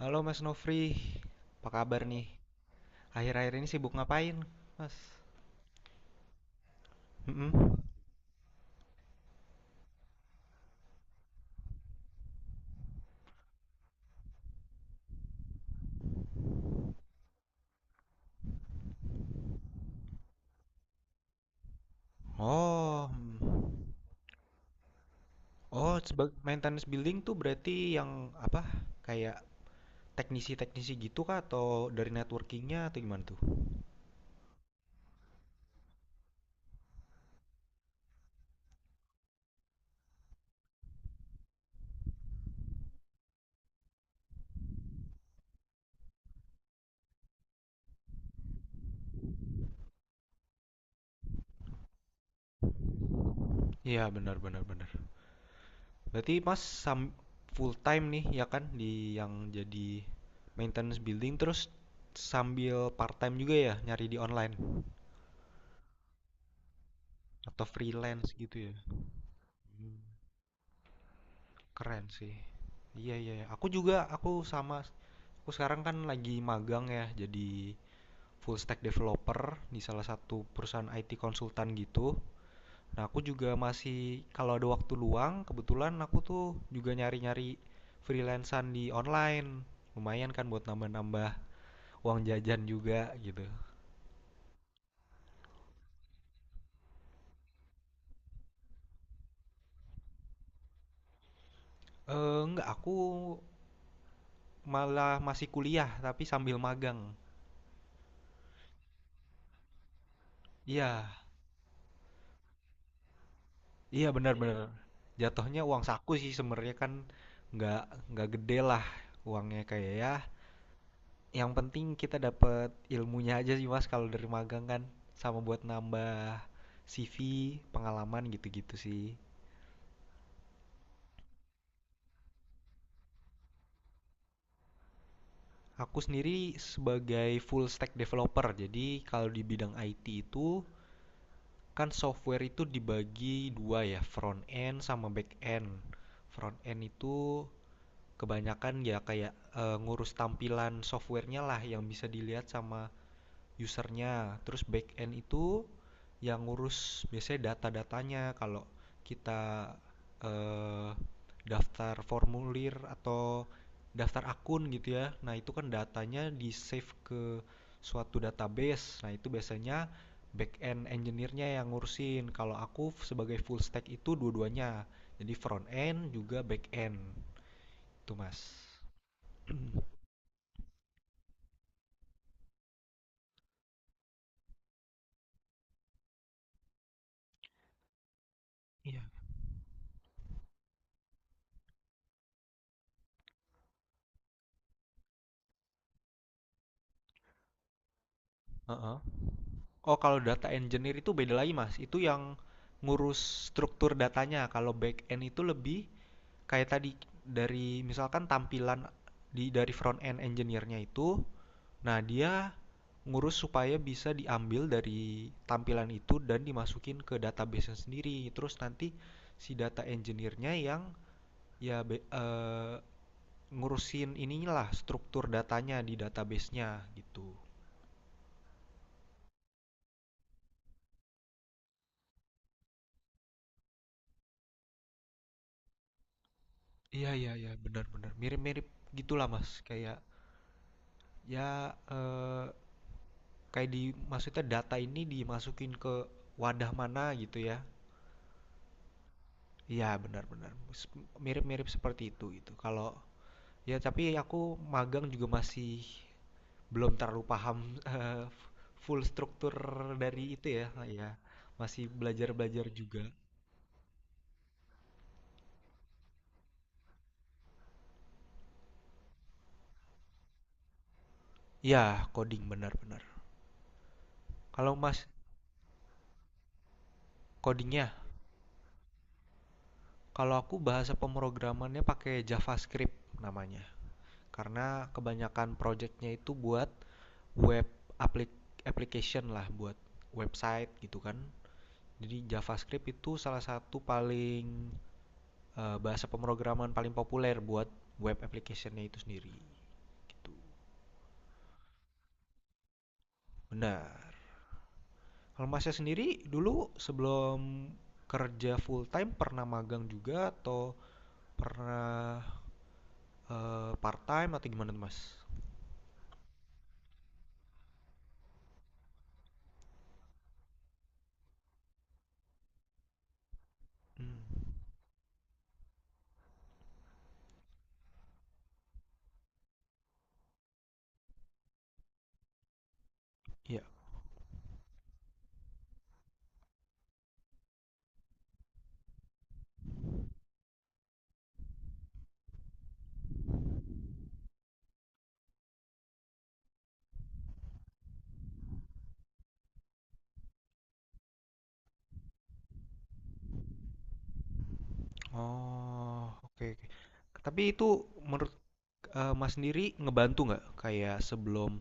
Halo Mas Nofri, apa kabar nih? Akhir-akhir ini sibuk ngapain, Mas? Mm-mm. Oh, mm. Oh, sebagai maintenance building tuh berarti yang apa? Kayak teknisi-teknisi gitu kah? Atau dari networkingnya atau gimana tuh? Iya, benar, benar, benar. Berarti full time nih ya kan di yang jadi maintenance building terus sambil part time juga ya nyari di online atau freelance gitu ya? Keren sih. Iya, iya, iya. Aku juga, aku sama. Aku sekarang kan lagi magang ya, jadi full stack developer di salah satu perusahaan IT konsultan gitu. Nah, aku juga masih, kalau ada waktu luang, kebetulan aku tuh juga nyari-nyari freelancer di online. Lumayan kan buat nambah-nambah uang jajan juga gitu. Enggak, aku malah masih kuliah, tapi sambil magang. Iya, iya benar-benar. Jatuhnya uang saku sih sebenarnya kan nggak gede lah uangnya kayak ya. Yang penting kita dapat ilmunya aja sih Mas kalau dari magang kan sama buat nambah CV, pengalaman gitu-gitu sih. Aku sendiri sebagai full stack developer. Jadi kalau di bidang IT itu kan software itu dibagi dua ya, front end sama back end. Front end itu kebanyakan ya kayak ngurus tampilan softwarenya lah yang bisa dilihat sama usernya terus back end itu yang ngurus biasanya data-datanya kalau kita eh, daftar formulir atau daftar akun gitu ya, nah itu kan datanya di save ke suatu database, nah itu biasanya back end engineer-nya yang ngurusin. Kalau aku sebagai full stack itu dua-duanya, jadi front end juga back end tuh mas. Iya, heeh. Oh, kalau data engineer itu beda lagi, Mas. Itu yang ngurus struktur datanya. Kalau back end itu lebih kayak tadi, dari misalkan tampilan dari front end engineer-nya itu, nah dia ngurus supaya bisa diambil dari tampilan itu dan dimasukin ke database-nya sendiri. Terus nanti si data engineer-nya yang ya be- eh, ngurusin inilah struktur datanya di database-nya gitu. Iya iya iya benar benar, mirip-mirip gitulah Mas, kayak ya kayak di, maksudnya data ini dimasukin ke wadah mana gitu ya. Iya benar benar, mirip-mirip seperti itu gitu. Kalau ya tapi aku magang juga masih belum terlalu paham eh, full struktur dari itu ya ya, masih belajar-belajar juga. Iya coding, benar benar. Kalau Mas codingnya, kalau aku bahasa pemrogramannya pakai JavaScript namanya, karena kebanyakan projectnya itu buat web, aplik- application lah, buat website gitu kan. Jadi JavaScript itu salah satu paling bahasa pemrograman paling populer buat web applicationnya itu sendiri gitu. Benar. Kalau masnya sendiri dulu sebelum kerja full time pernah magang juga atau pernah part time atau gimana tuh mas? Hmm, iya. Oh, oke oke. Tapi itu menurut Mas sendiri, ngebantu nggak kayak sebelum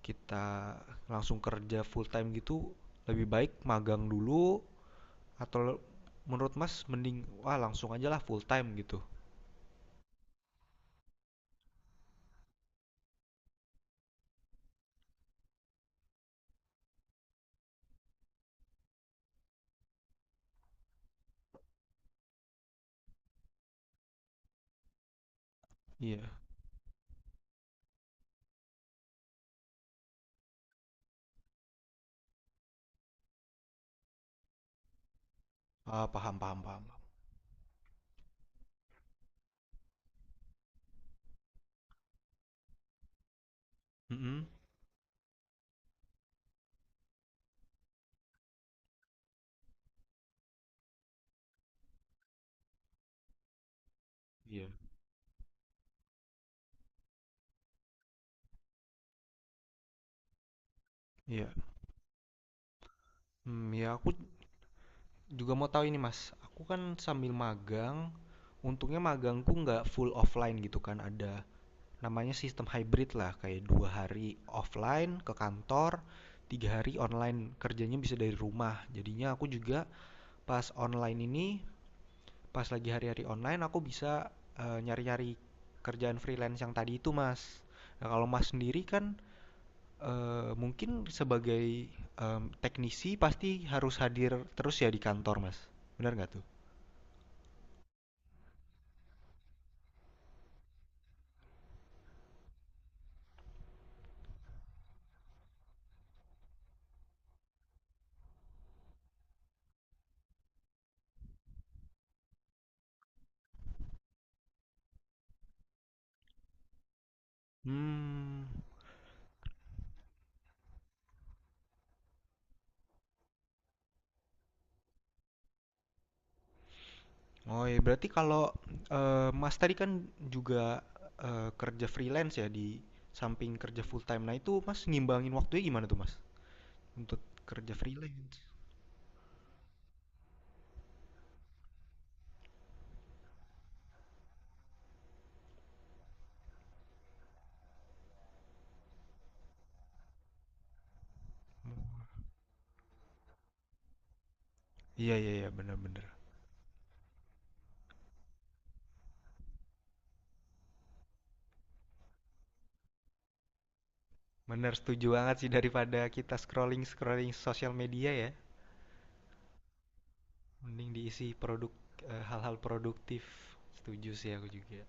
kita langsung kerja full time gitu lebih baik magang dulu, atau menurut Mas mending wah langsung aja lah full time gitu. Iya, ah, paham, paham, paham. Mm-mm. Iya. Iya. Hmm, ya aku juga mau tahu ini Mas. Aku kan sambil magang, untungnya magangku nggak full offline gitu kan, ada namanya sistem hybrid lah, kayak 2 hari offline ke kantor, 3 hari online kerjanya bisa dari rumah. Jadinya aku juga pas online ini, pas lagi hari-hari online aku bisa nyari-nyari kerjaan freelance yang tadi itu mas. Nah kalau mas sendiri kan mungkin sebagai teknisi pasti harus hadir terus ya di kantor mas, benar nggak tuh? Hmm. Oh iya, berarti kalau Mas tadi kan juga kerja freelance ya di samping kerja full time. Nah itu Mas ngimbangin waktunya gimana tuh Mas untuk kerja freelance? Iya iya iya benar-benar. Benar setuju banget sih, daripada kita scrolling scrolling sosial media ya. Mending diisi produk, hal-hal produktif. Setuju sih aku juga.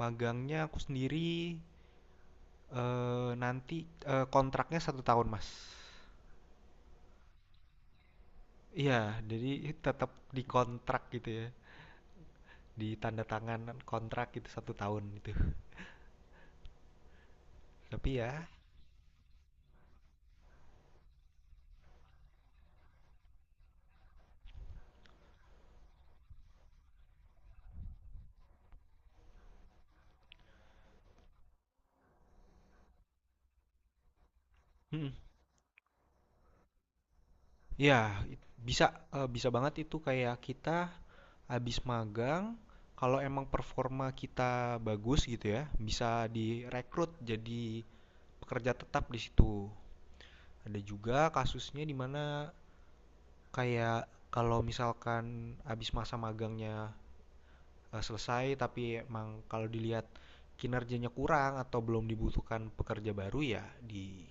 Magangnya aku sendiri nanti kontraknya 1 tahun Mas. Iya, jadi tetap dikontrak gitu ya. Di tanda tangan kontrak itu 1 tahun itu tapi ya mm, ya bisa, bisa banget itu kayak kita habis magang, kalau emang performa kita bagus gitu ya bisa direkrut jadi pekerja tetap di situ. Ada juga kasusnya di mana kayak kalau misalkan habis masa magangnya selesai tapi emang kalau dilihat kinerjanya kurang atau belum dibutuhkan pekerja baru, ya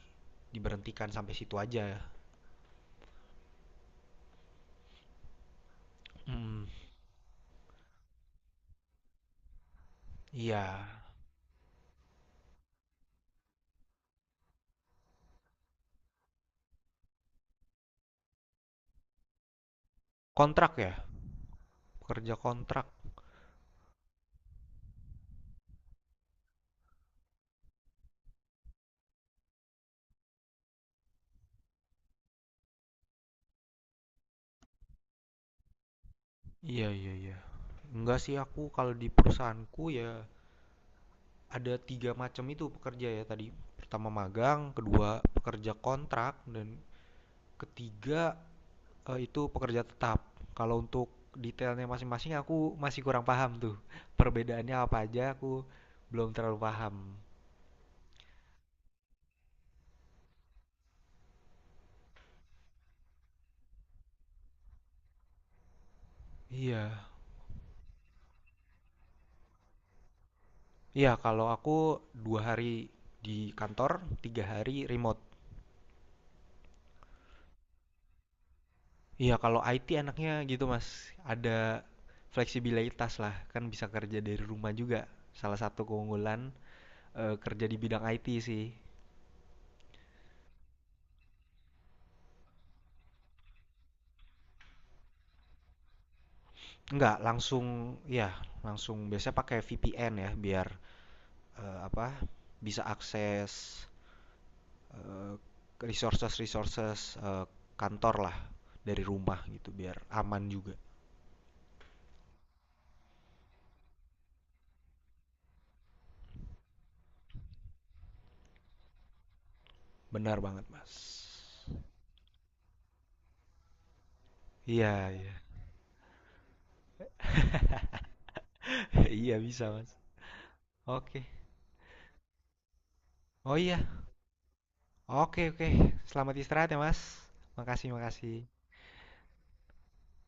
diberhentikan sampai situ aja. Mm, iya, mm. Kontrak ya, pekerja kontrak. Iya, iya, iya. Enggak sih, aku kalau di perusahaanku ya ada tiga macam itu pekerja ya tadi. Pertama magang, kedua pekerja kontrak, dan ketiga itu pekerja tetap. Kalau untuk detailnya masing-masing aku masih kurang paham tuh, perbedaannya apa aja aku belum terlalu paham. Iya. Iya, kalau aku 2 hari di kantor, 3 hari remote. Iya, kalau IT enaknya gitu, Mas, ada fleksibilitas lah, kan bisa kerja dari rumah juga. Salah satu keunggulan, kerja di bidang IT sih. Enggak, langsung, ya langsung biasanya pakai VPN ya biar, eee, apa, bisa akses eh, resources resources eh, kantor lah dari rumah gitu biar aman juga. Benar banget mas. Iya iya. Iya bisa mas. Oke. Oh iya, oke oke. Selamat istirahat ya mas, makasih makasih.